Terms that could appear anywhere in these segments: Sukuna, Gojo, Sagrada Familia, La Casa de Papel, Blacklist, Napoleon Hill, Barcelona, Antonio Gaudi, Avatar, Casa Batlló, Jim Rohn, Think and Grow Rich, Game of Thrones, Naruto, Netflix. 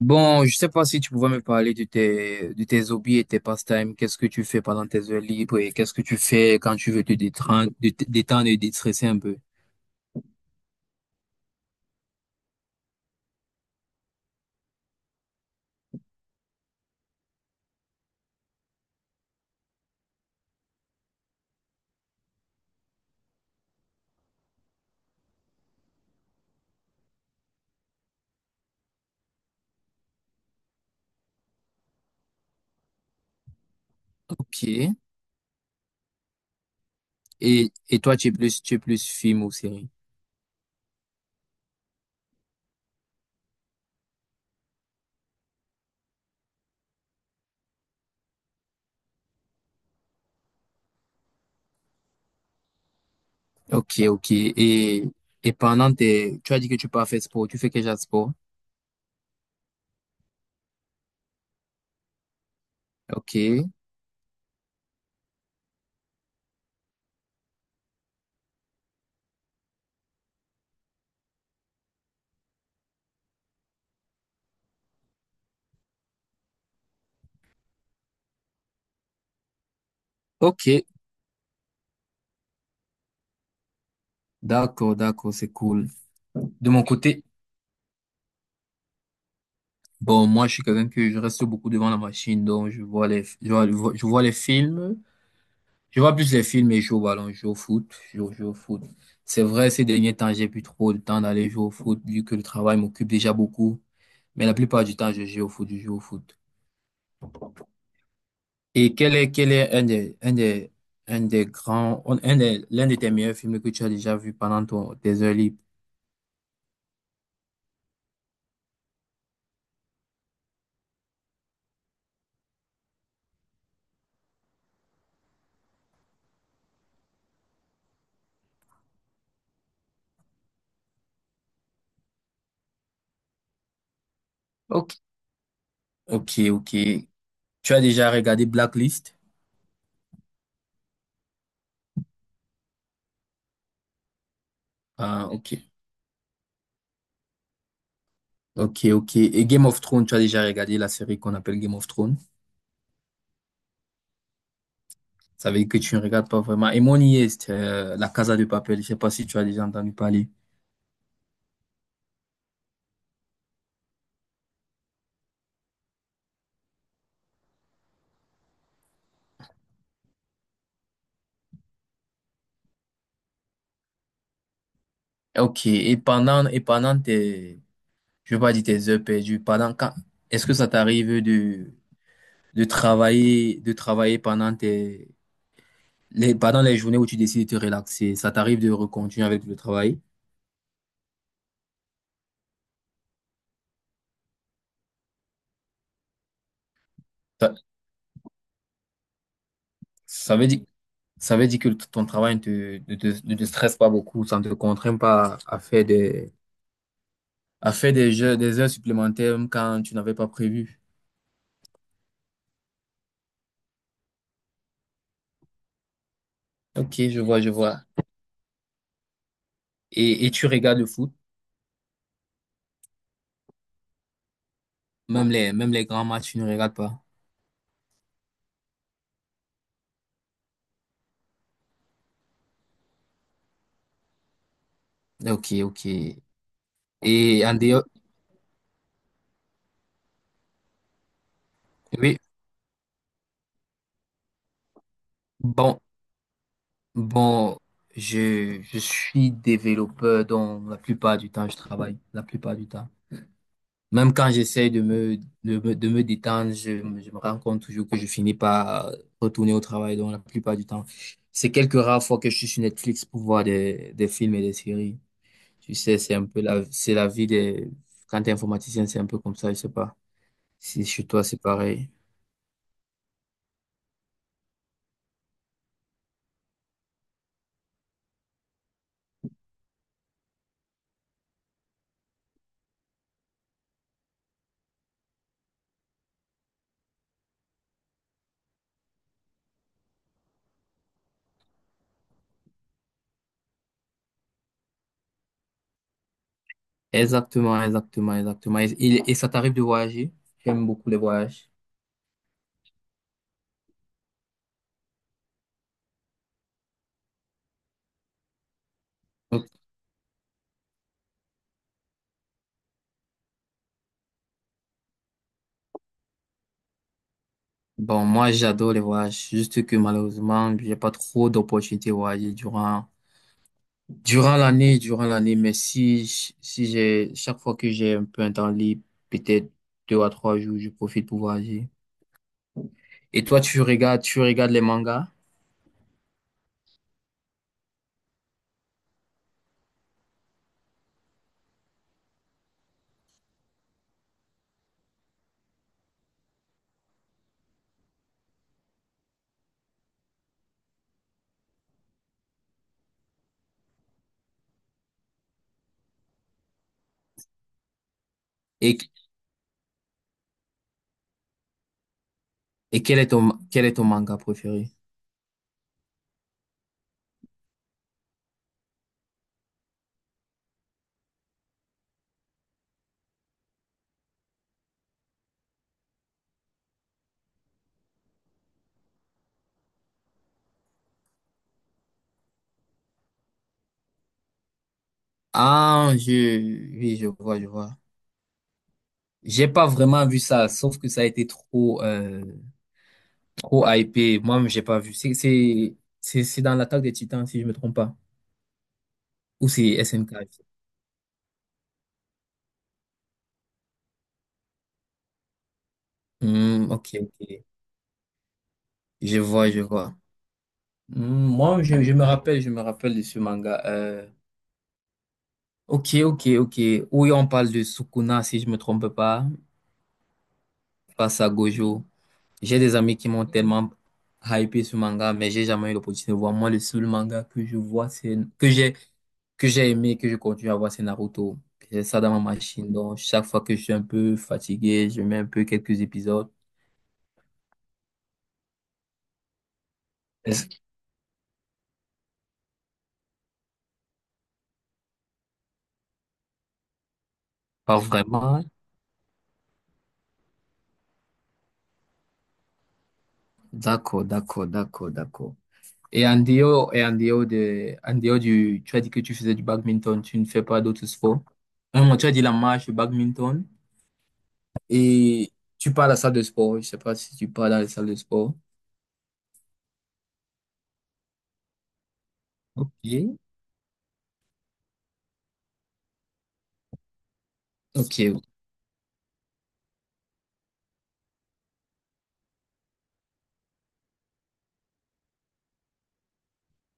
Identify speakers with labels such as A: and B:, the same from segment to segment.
A: Bon, je sais pas si tu pouvais me parler de tes hobbies et tes pastimes. Qu'est-ce que tu fais pendant tes heures libres et qu'est-ce que tu fais quand tu veux te détendre, te détendre et déstresser un peu? Ok. Et toi, tu es plus film ou série? Ok, ok. Et pendant tes, tu as dit que tu peux pas faire sport. Tu fais quel genre de sport? Ok. Ok. D'accord, d'accord, c'est cool. De mon côté, bon, moi, je suis quelqu'un que je reste beaucoup devant la machine, donc je vois les films, je vois plus les films et je joue au ballon, je joue au foot. C'est vrai, ces derniers temps, j'ai plus trop le temps d'aller jouer au foot, vu que le travail m'occupe déjà beaucoup, mais la plupart du temps, je joue au foot. Et quel est un des, l'un de tes meilleurs films que tu as déjà vu pendant ton, tes heures libres? Ok, ok. Tu as déjà regardé Blacklist? Ah, ok. Ok, ok. Et Game of Thrones, tu as déjà regardé la série qu'on appelle Game of Thrones? Ça veut dire que tu ne regardes pas vraiment. Et mon IA, c'est La Casa de Papel. Je sais pas si tu as déjà entendu parler. Ok. Et et pendant tes, je veux pas dire tes heures perdues, pendant quand, est-ce que ça t'arrive de travailler, pendant les journées où tu décides de te relaxer? Ça t'arrive de recontinuer avec le travail? Ça, ça veut dire, ça veut dire que ton travail ne te stresse pas beaucoup, ça ne te contraint pas à faire à faire des jeux, des heures supplémentaires même quand tu n'avais pas prévu. Ok, je vois. Et tu regardes le foot, même même les grands matchs, tu ne regardes pas. Ok, ok. Et en dehors, oui, bon, bon, je suis développeur, donc la plupart du temps, je travaille, la plupart du temps. Même quand j'essaye de de me détendre, je me rends compte toujours que je finis par retourner au travail, donc la plupart du temps. C'est quelques rares fois que je suis sur Netflix pour voir des films et des séries. Tu sais, c'est la vie des, quand t'es informaticien, c'est un peu comme ça, je sais pas. Si chez toi, c'est pareil. Exactement, exactement, exactement. Et, et ça t'arrive de voyager? J'aime beaucoup les voyages. Donc, bon, moi, j'adore les voyages. Juste que malheureusement, j'ai pas trop d'opportunités de voyager durant l'année, durant l'année. Mais si, si j'ai, chaque fois que j'ai un peu un temps libre, peut-être deux à trois jours, je profite pour voyager. Et toi, tu regardes les mangas? Et, et quel est ton manga préféré? Ah, oui, je vois. J'ai pas vraiment vu ça, sauf que ça a été trop, trop hypé. Moi-même, j'ai pas vu. C'est dans l'attaque des Titans, si je me trompe pas. Ou c'est SNK. Hmm, ok, ok. Je vois, je vois. Hmm, je me rappelle de ce manga. Ok, ok. Oui, on parle de Sukuna, si je me trompe pas, face à Gojo. J'ai des amis qui m'ont tellement hypé sur manga, mais j'ai jamais eu l'opportunité de voir. Moi, le seul manga que je vois, c'est que j'ai aimé, que je continue à voir, c'est Naruto. J'ai ça dans ma machine. Donc, chaque fois que je suis un peu fatigué, je mets un peu quelques épisodes. Est-ce- Pas vraiment. D'accord, d'accord, d'accord, d'accord. Et en dehors, et en dehors du, tu as dit que tu faisais du badminton, tu ne fais pas d'autres sports. Un moment, tu as dit la marche, le badminton, et tu pars à la salle de sport. Je sais pas si tu pars dans la salle de sport. Ok, ok.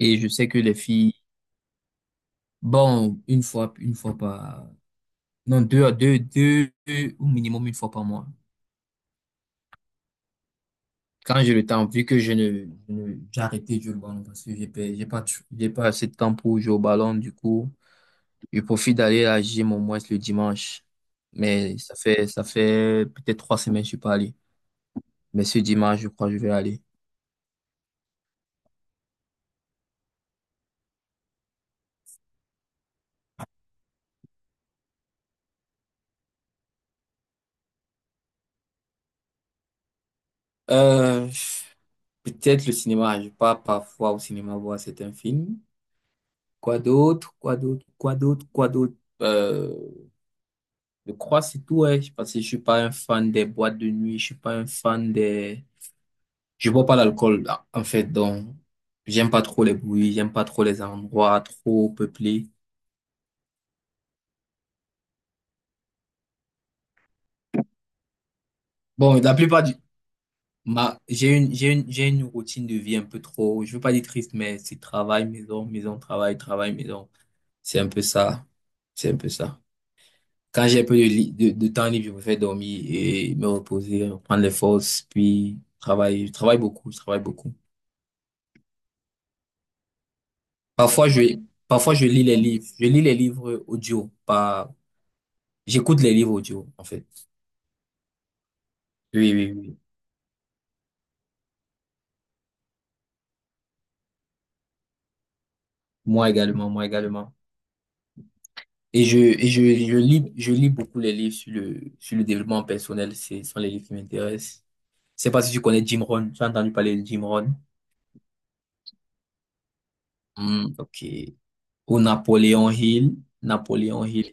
A: Et je sais que les filles, bon, une fois par, non, deux à deux au minimum une fois par mois. Quand j'ai le temps, vu que je ne- j'ai arrêté de jouer au ballon parce que j'ai pas, j'ai pas assez de temps pour jouer au ballon, du coup, je profite d'aller à la gym au moins le dimanche. Mais ça fait peut-être trois semaines que je suis pas allé. Mais ce dimanche, je crois que je vais aller. Euh, peut-être le cinéma, je pars parfois au cinéma voir certains films. Quoi d'autre? Quoi d'autre? Quoi d'autre? Quoi d'autre? Euh, je crois que c'est tout, ouais. Parce que je suis pas un fan des boîtes de nuit, je suis pas un fan des... Je bois pas l'alcool, là, en fait, donc j'aime pas trop les bruits, j'aime pas trop les endroits trop peuplés. Bon, la plupart du... Ma... j'ai une routine de vie un peu trop... Je veux pas dire triste, mais c'est travail, maison, maison, travail, travail, maison. C'est un peu ça. C'est un peu ça. Quand j'ai un peu de, de temps libre, je préfère dormir et me reposer, prendre les forces, puis travailler. Je travaille beaucoup, je travaille beaucoup. Parfois, je, parfois, je lis les livres. Je lis les livres audio, pas, j'écoute les livres audio, en fait. Oui, oui, oui. Moi également, moi également. Et je, et je, je lis beaucoup les livres sur sur le développement personnel. C'est, ce sont les livres qui m'intéressent. Je sais pas si tu connais Jim Rohn. Tu as entendu parler de Jim Rohn? Hmm, ok. Ou Napoléon Hill. Napoléon Hill.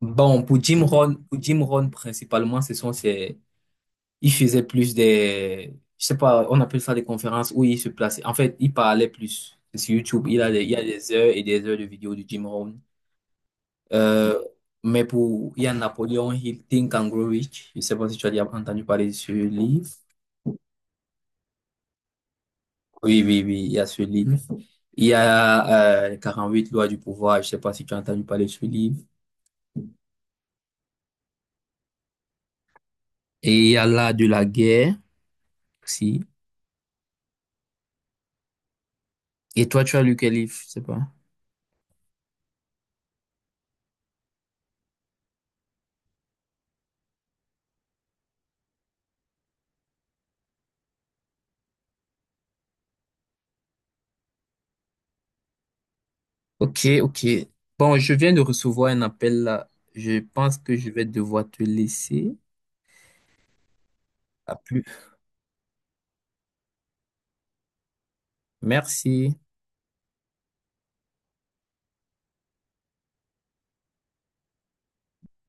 A: Bon, pour Jim Rohn, principalement, ce sont ces, il faisait plus des, je sais pas, on appelle ça des conférences où il se plaçait. En fait, il parlait plus. C'est sur YouTube, il y a des heures et des heures de vidéos de Jim Rohn. Euh, mais pour, il y a Napoleon Hill, Think and Grow Rich. Je sais pas si tu as déjà entendu parler de ce livre. Oui, oui, oui, il y a ce livre. Il y a, les 48 lois du pouvoir. Je sais pas si tu as entendu parler de ce livre. Et il y a là de la guerre, si. Et toi, tu as lu quel livre? Je sais pas. Ok, ok. Bon, je viens de recevoir un appel là. Je pense que je vais devoir te laisser. À plus. Merci.